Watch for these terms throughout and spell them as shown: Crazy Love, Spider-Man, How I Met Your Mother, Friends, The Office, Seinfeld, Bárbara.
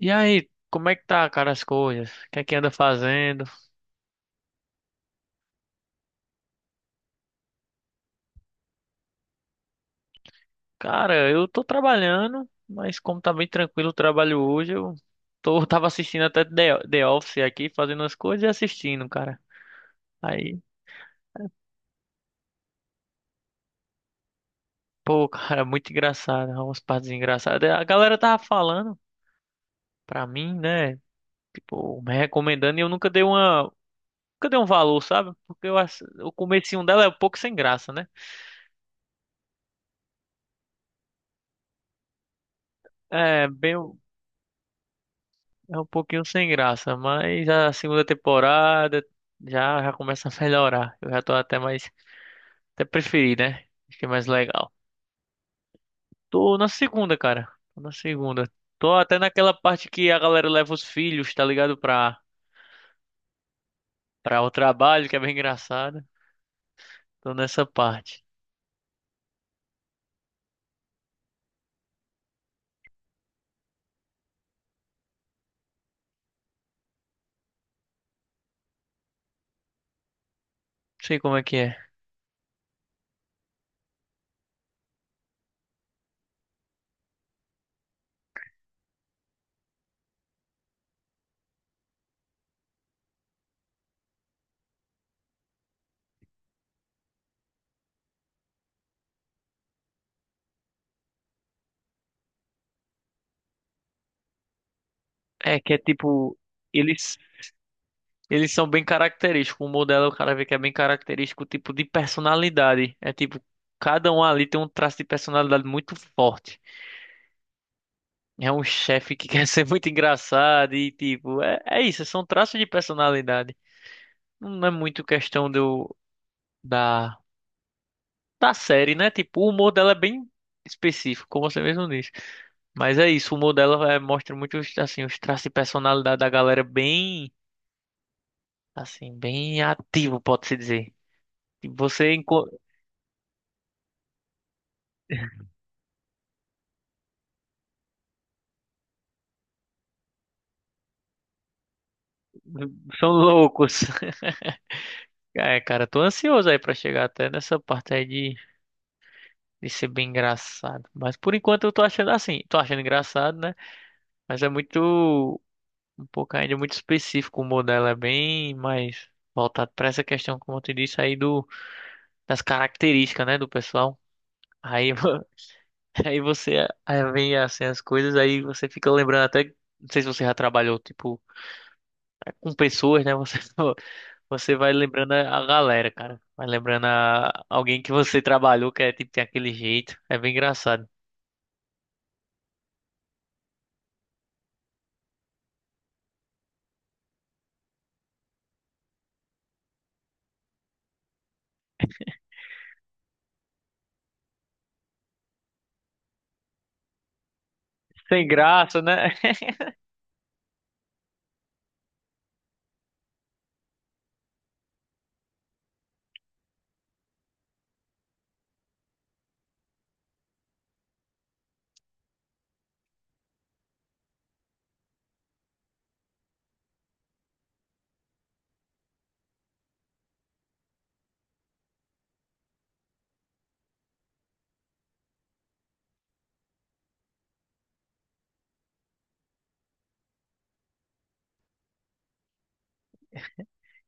E aí, como é que tá, cara, as coisas? O que é que anda fazendo? Cara, eu tô trabalhando, mas como tá bem tranquilo o trabalho hoje, eu tô, tava assistindo até The Office aqui, fazendo as coisas e assistindo, cara. Aí, pô, cara, muito engraçado, umas partes engraçadas. A galera tava falando pra mim, né, tipo, me recomendando e eu nunca nunca dei um valor, sabe? Porque o comecinho dela é um pouco sem graça, né? É, bem, é um pouquinho sem graça, mas a segunda temporada já começa a melhorar. Eu já tô até mais. Até preferi, né? Achei mais legal. Tô na segunda, cara. Tô na segunda. Tô até naquela parte que a galera leva os filhos, tá ligado? Pra, pra o trabalho, que é bem engraçado. Tô nessa parte. Não sei como é que é. É que é tipo. Eles, eles são bem característicos. O modelo, o cara vê que é bem característico, tipo de personalidade. É tipo. Cada um ali tem um traço de personalidade muito forte. É um chefe que quer ser muito engraçado e tipo, é, é isso, são traços de personalidade. Não é muito questão do da da série, né? Tipo, o humor dela é bem específico, como você mesmo disse. Mas é isso, o humor dela é, mostra muito os, assim, os traços de personalidade da galera bem assim, bem ativo, pode-se dizer. E Você enco- são loucos. É, cara, tô ansioso aí pra chegar até nessa parte aí de ser bem engraçado. Mas por enquanto eu tô achando assim, tô achando engraçado, né? Mas é muito, um pouco ainda muito específico o modelo, é bem mais voltado para essa questão, como eu te disse, aí do, das características, né, do pessoal. Aí, vo- aí você, aí vem assim as coisas, aí você fica lembrando até, não sei se você já trabalhou, tipo, é, com pessoas, né, você, você vai lembrando a galera, cara. Vai lembrando a alguém que você trabalhou, que é tipo, tem aquele jeito. É bem engraçado. Sem graça, né?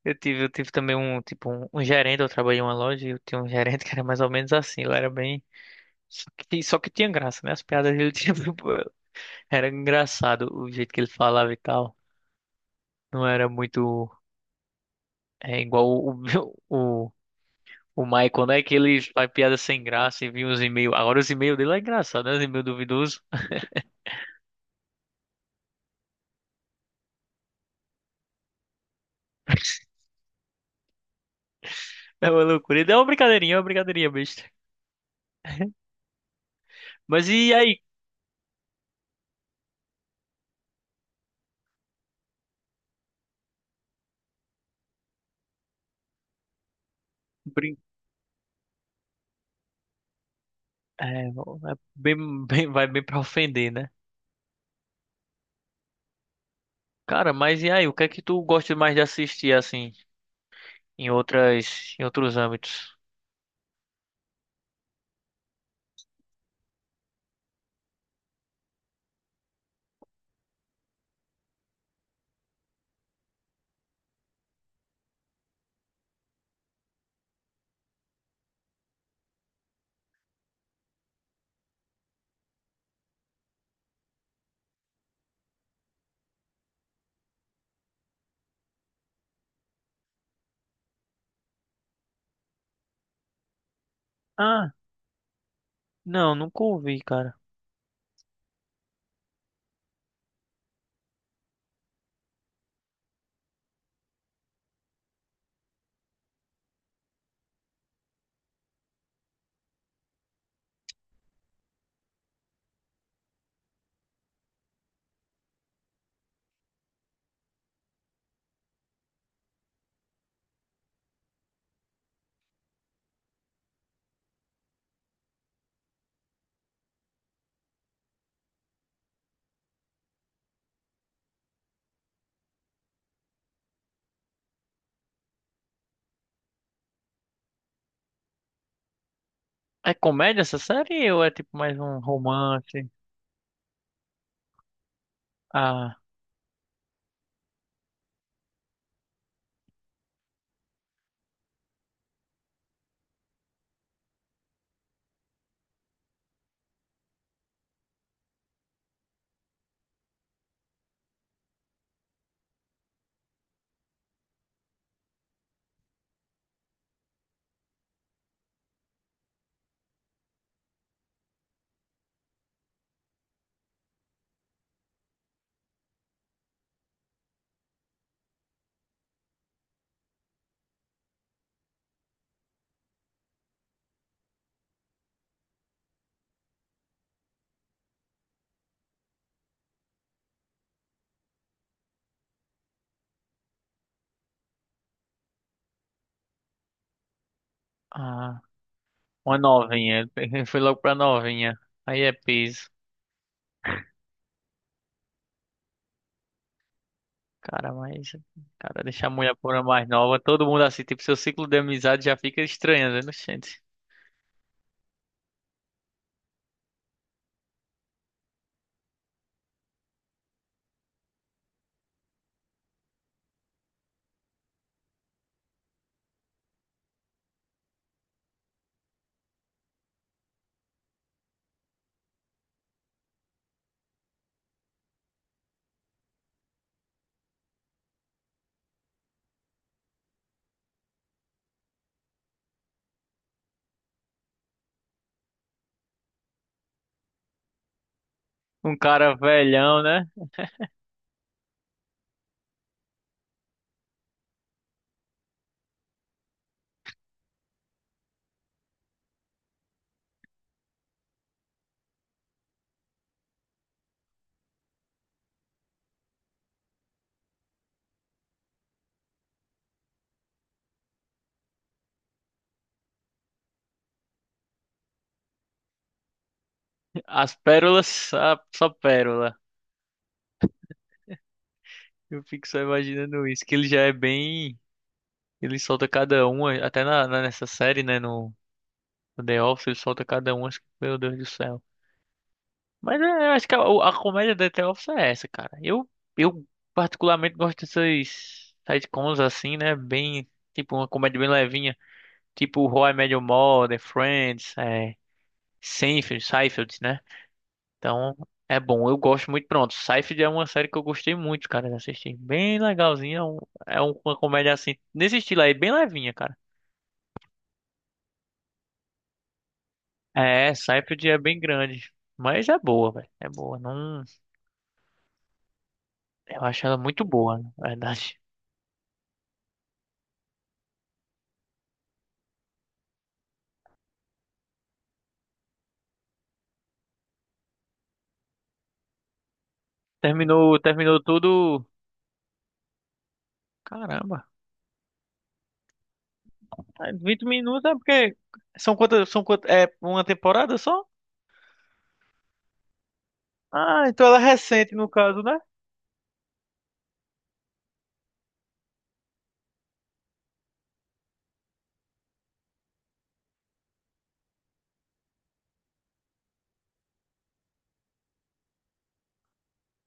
Eu tive também um, tipo, um gerente, eu trabalhei em uma loja e eu tinha um gerente que era mais ou menos assim, ele era bem... só que tinha graça, né? As piadas dele tinha... Era engraçado o jeito que ele falava e tal. Não era muito... É igual o, o, o Michael, né? Que ele faz piada sem graça e vinha os e-mails. Agora os e-mails dele é engraçado, né? Os e-mails duvidosos. É uma loucura. Ele é uma brincadeirinha, é uma brincadeirinha besta. Mas e aí? Brin... É, é bem, bem- vai bem pra ofender, né? Cara, mas e aí, o que é que tu gosta mais de assistir assim em outras em outros âmbitos? Ah, não, nunca ouvi, cara. É comédia essa série ou é tipo mais um romance? Ah, ah, uma novinha. Ele foi logo pra novinha. Aí é piso. Cara, mas cara, deixar a mulher por uma mais nova, todo mundo assim, tipo, seu ciclo de amizade já fica estranho, né, gente? Um cara velhão, né? As pérolas, só, só pérola. Eu fico só imaginando isso, que ele já é bem. Ele solta cada uma, até na, na- nessa série, né? No, no The Office, ele solta cada uma, acho que- meu Deus do céu. Mas é, eu acho que a comédia da The Office é essa, cara. Eu particularmente gosto dessas sitcoms assim, né? Bem, tipo, uma comédia bem levinha. Tipo How I Met Your Mother, Friends, é, Seinfeld, né? Então, é bom. Eu gosto muito. Pronto, Seinfeld é uma série que eu gostei muito, cara, de assistir. Bem legalzinha. É um- é uma comédia assim, nesse estilo aí, bem levinha, cara. É, sai pro dia bem grande. Mas é boa, velho. É boa. Não... Eu acho ela muito boa, na verdade. Terminou, terminou tudo. Caramba. Ah, 20 minutos é porque. São quantas? São quantas? É uma temporada só? Ah, então ela é recente no caso, né?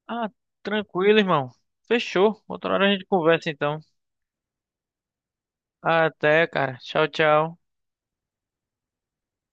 Ah, tranquilo, irmão. Fechou. Outra hora a gente conversa então. Até, cara. Tchau, tchau.